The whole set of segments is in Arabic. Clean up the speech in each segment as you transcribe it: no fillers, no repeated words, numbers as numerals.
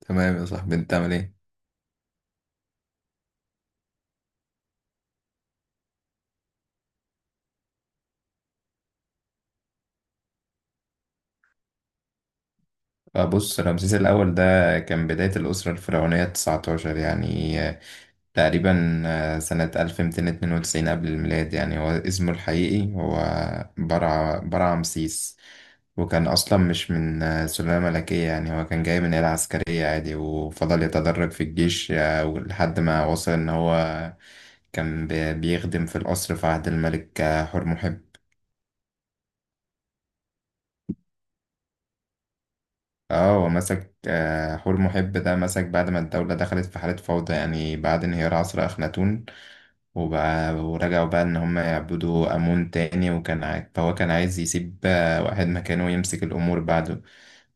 تمام يا صاحبي انت عامل ايه؟ بص رمسيس الاول ده كان بداية الأسرة الفرعونية 19، يعني تقريبا سنة 1292 قبل الميلاد. يعني هو اسمه الحقيقي هو برع رمسيس. وكان أصلا مش من سلالة ملكية، يعني هو كان جاي من عيلة عسكرية عادي وفضل يتدرج في الجيش لحد ما وصل إن هو كان بيخدم في القصر في عهد الملك حور. اه، ومسك حور محب ده مسك بعد ما الدولة دخلت في حالة فوضى، يعني بعد انهيار عصر أخناتون. وبقى ورجعوا بقى إن هم يعبدوا أمون تاني، فهو كان عايز يسيب واحد مكانه يمسك الأمور بعده.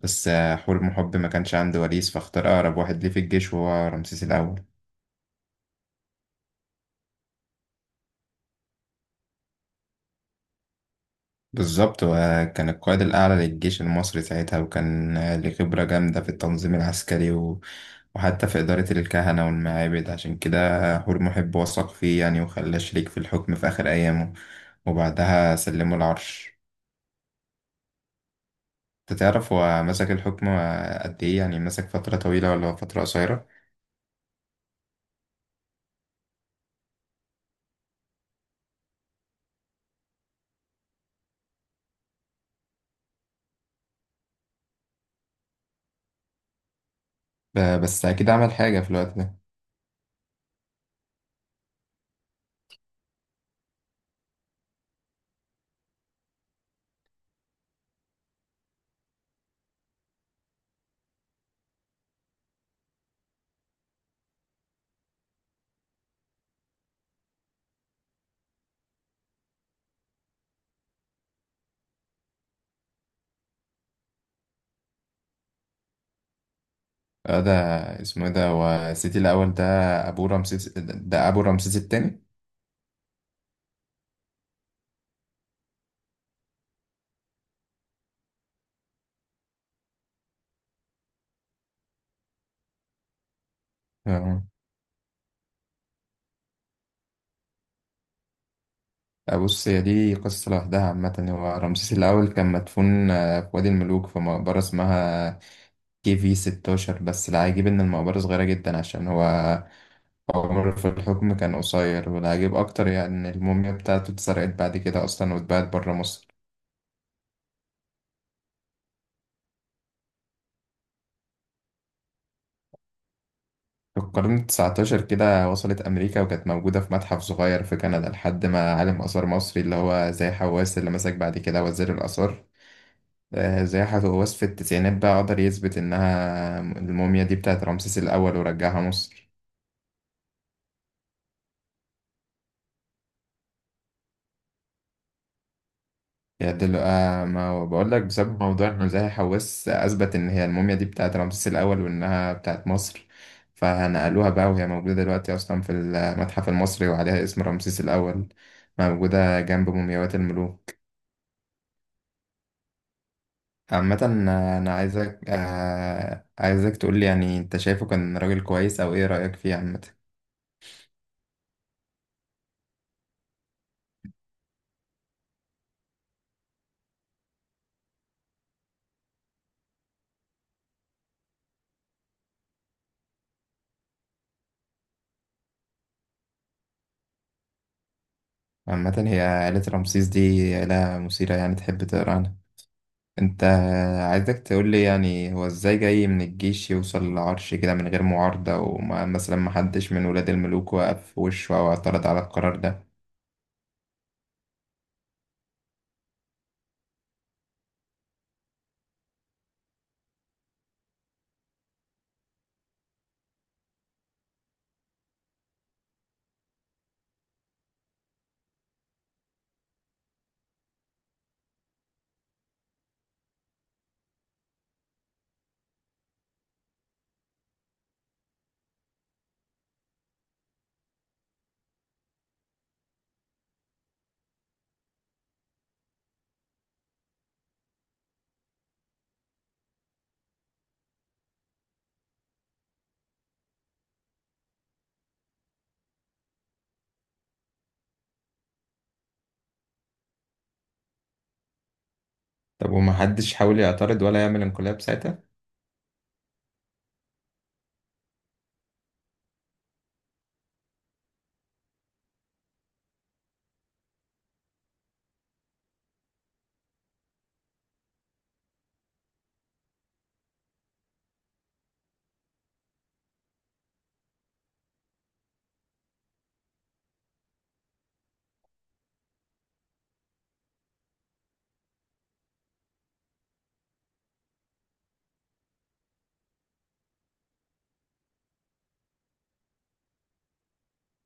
بس حور محب ما كانش عنده وريث، فاختار أقرب واحد ليه في الجيش وهو رمسيس الأول. بالظبط، وكان القائد الأعلى للجيش المصري ساعتها، وكان ليه خبرة جامدة في التنظيم العسكري وحتى في إدارة الكهنة والمعابد. عشان كده حور محب وثق فيه يعني، وخلاه شريك في الحكم في آخر أيامه، وبعدها سلمه العرش. أنت تعرف هو مسك الحكم قد إيه؟ يعني مسك فترة طويلة ولا فترة قصيرة؟ بس أكيد عمل حاجة في الوقت ده. آه، ده اسمه إيه ده؟ هو سيتي الأول ده أبو رمسيس، ده أبو رمسيس التاني؟ آه. بص، هي دي قصة لوحدها. عامة هو رمسيس الأول كان مدفون في وادي الملوك في مقبرة اسمها كي في 16. بس العجيب إن المقبرة صغيرة جدا عشان هو عمره في الحكم كان قصير. والعجيب أكتر يعني إن الموميا بتاعته اتسرقت بعد كده أصلا، واتباعت برا مصر في القرن التسعتاشر كده. وصلت أمريكا، وكانت موجودة في متحف صغير في كندا لحد ما عالم آثار مصري اللي هو زي حواس، اللي مسك بعد كده وزير الآثار، آه، زي وصف التسعينات بقى قدر يثبت إنها الموميا دي بتاعت رمسيس الأول ورجعها مصر. يدل آه، ما هو بقول لك، بسبب موضوع إنه زي حواس أثبت إن هي الموميا دي بتاعت رمسيس الأول وإنها بتاعت مصر. فنقلوها بقى، وهي موجودة دلوقتي أصلا في المتحف المصري وعليها اسم رمسيس الأول، موجودة جنب مومياوات الملوك. عامة أنا عايزك تقولي، يعني أنت شايفه كان راجل كويس، أو إيه رأيك فيه عامة؟ عامة هي عائلة رمسيس دي عائلة مثيرة يعني، تحب تقرا عنها انت. عايزك تقولي يعني هو ازاي جاي من الجيش يوصل للعرش كده من غير معارضة، وما مثلا محدش من ولاد الملوك وقف في وشه أو اعترض على القرار ده؟ طب ومحدش حاول يعترض ولا يعمل انقلاب ساعتها؟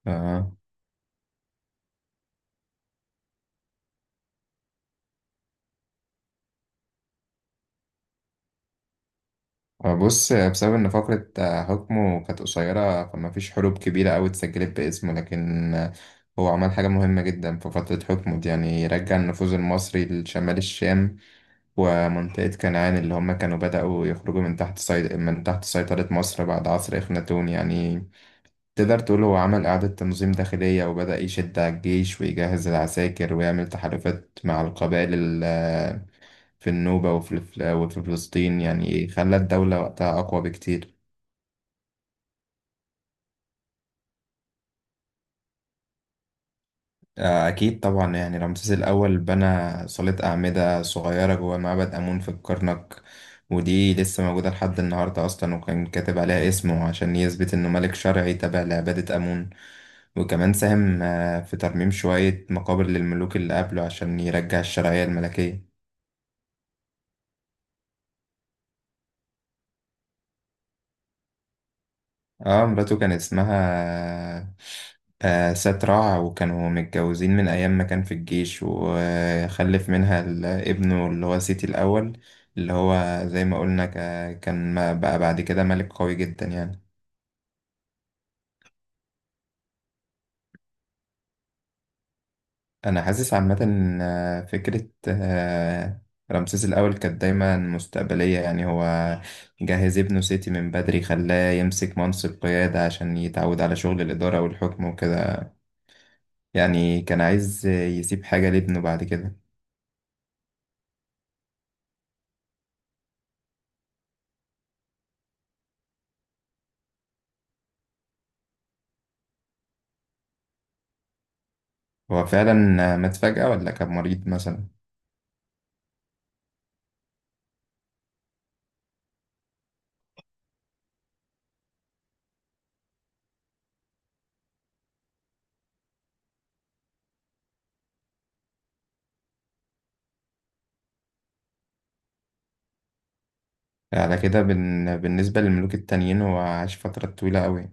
آه. بص، بسبب إن فقرة حكمه كانت قصيرة، فما فيش حروب كبيرة أوي اتسجلت باسمه. لكن هو عمل حاجة مهمة جدا في فترة حكمه دي، يعني رجع النفوذ المصري لشمال الشام ومنطقة كنعان، اللي هم كانوا بدأوا يخرجوا من من تحت سيطرة مصر بعد عصر إخناتون. يعني تقدر تقول هو عمل إعادة تنظيم داخلية، وبدأ يشد على الجيش ويجهز العساكر ويعمل تحالفات مع القبائل ال- في النوبة وفي فلسطين. يعني خلى الدولة وقتها أقوى بكتير. أكيد طبعا، يعني رمسيس الأول بنى صالة أعمدة صغيرة جوه معبد آمون في الكرنك، ودي لسه موجودة لحد النهاردة أصلا، وكان كاتب عليها اسمه عشان يثبت إنه ملك شرعي تابع لعبادة آمون. وكمان ساهم في ترميم شوية مقابر للملوك اللي قبله عشان يرجع الشرعية الملكية. اه، مراته كان اسمها آه ساتراع، وكانوا متجوزين من ايام ما كان في الجيش، وخلف منها ابنه اللي هو سيتي الاول، اللي هو زي ما قلنا ك- كان ما- بقى بعد كده ملك قوي جدا يعني. انا حاسس عامه إن، فكره رمسيس الاول كانت دايما مستقبليه. يعني هو جهز ابنه سيتي من بدري، خلاه يمسك منصب قياده عشان يتعود على شغل الاداره والحكم وكده. يعني كان عايز يسيب حاجة لابنه بعد كده. هو فعلا مات فجأة ولا كان مريض مثلا؟ على كده بالنسبة للملوك التانيين هو عاش فترة طويلة قوي.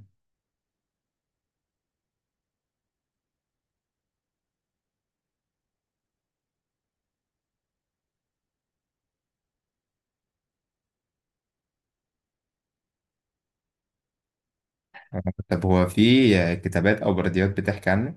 طب هو في كتابات أو برديات بتحكي عنه؟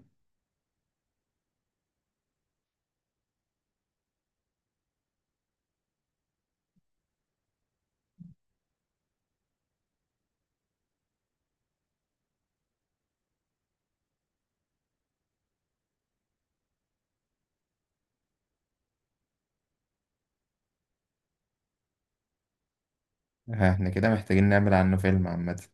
ها، احنا كده محتاجين نعمل عنه فيلم عامة.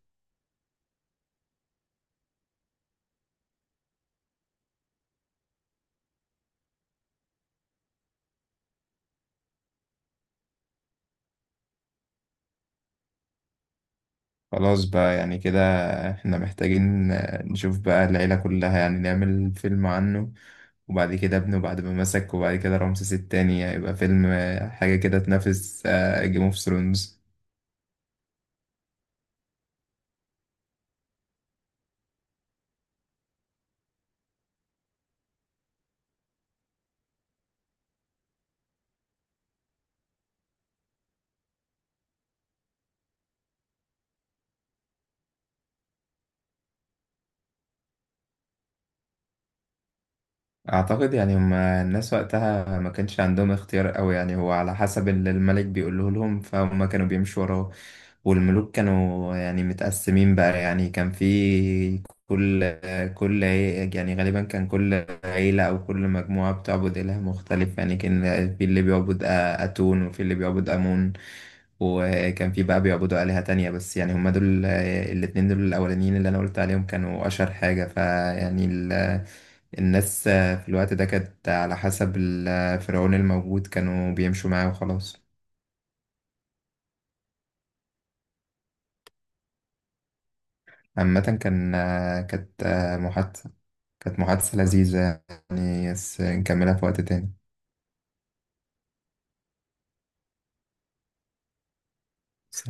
خلاص بقى، يعني كده احنا محتاجين نشوف بقى العيلة كلها، يعني نعمل فيلم عنه، وبعد كده ابنه بعد ما مسك، وبعد كده رمسيس التاني. هيبقى فيلم، حاجة كده تنافس جيم اوف ثرونز. اعتقد يعني هم الناس وقتها ما كانش عندهم اختيار قوي، يعني هو على حسب اللي الملك بيقوله لهم، فهم كانوا بيمشوا وراه. والملوك كانوا يعني متقسمين بقى، يعني كان في كل يعني غالبا كان كل عيلة او كل مجموعة بتعبد اله مختلف. يعني كان في اللي بيعبد اتون وفي اللي بيعبد امون، وكان في بقى بيعبدوا آلهة تانية. بس يعني هم دول الاتنين دول الاولانيين اللي انا قلت عليهم كانوا اشهر حاجة. فيعني الناس في الوقت ده كانت على حسب الفرعون الموجود، كانوا بيمشوا معاه وخلاص. عامة كان كانت محادثة لذيذة يعني، بس نكملها في وقت تاني.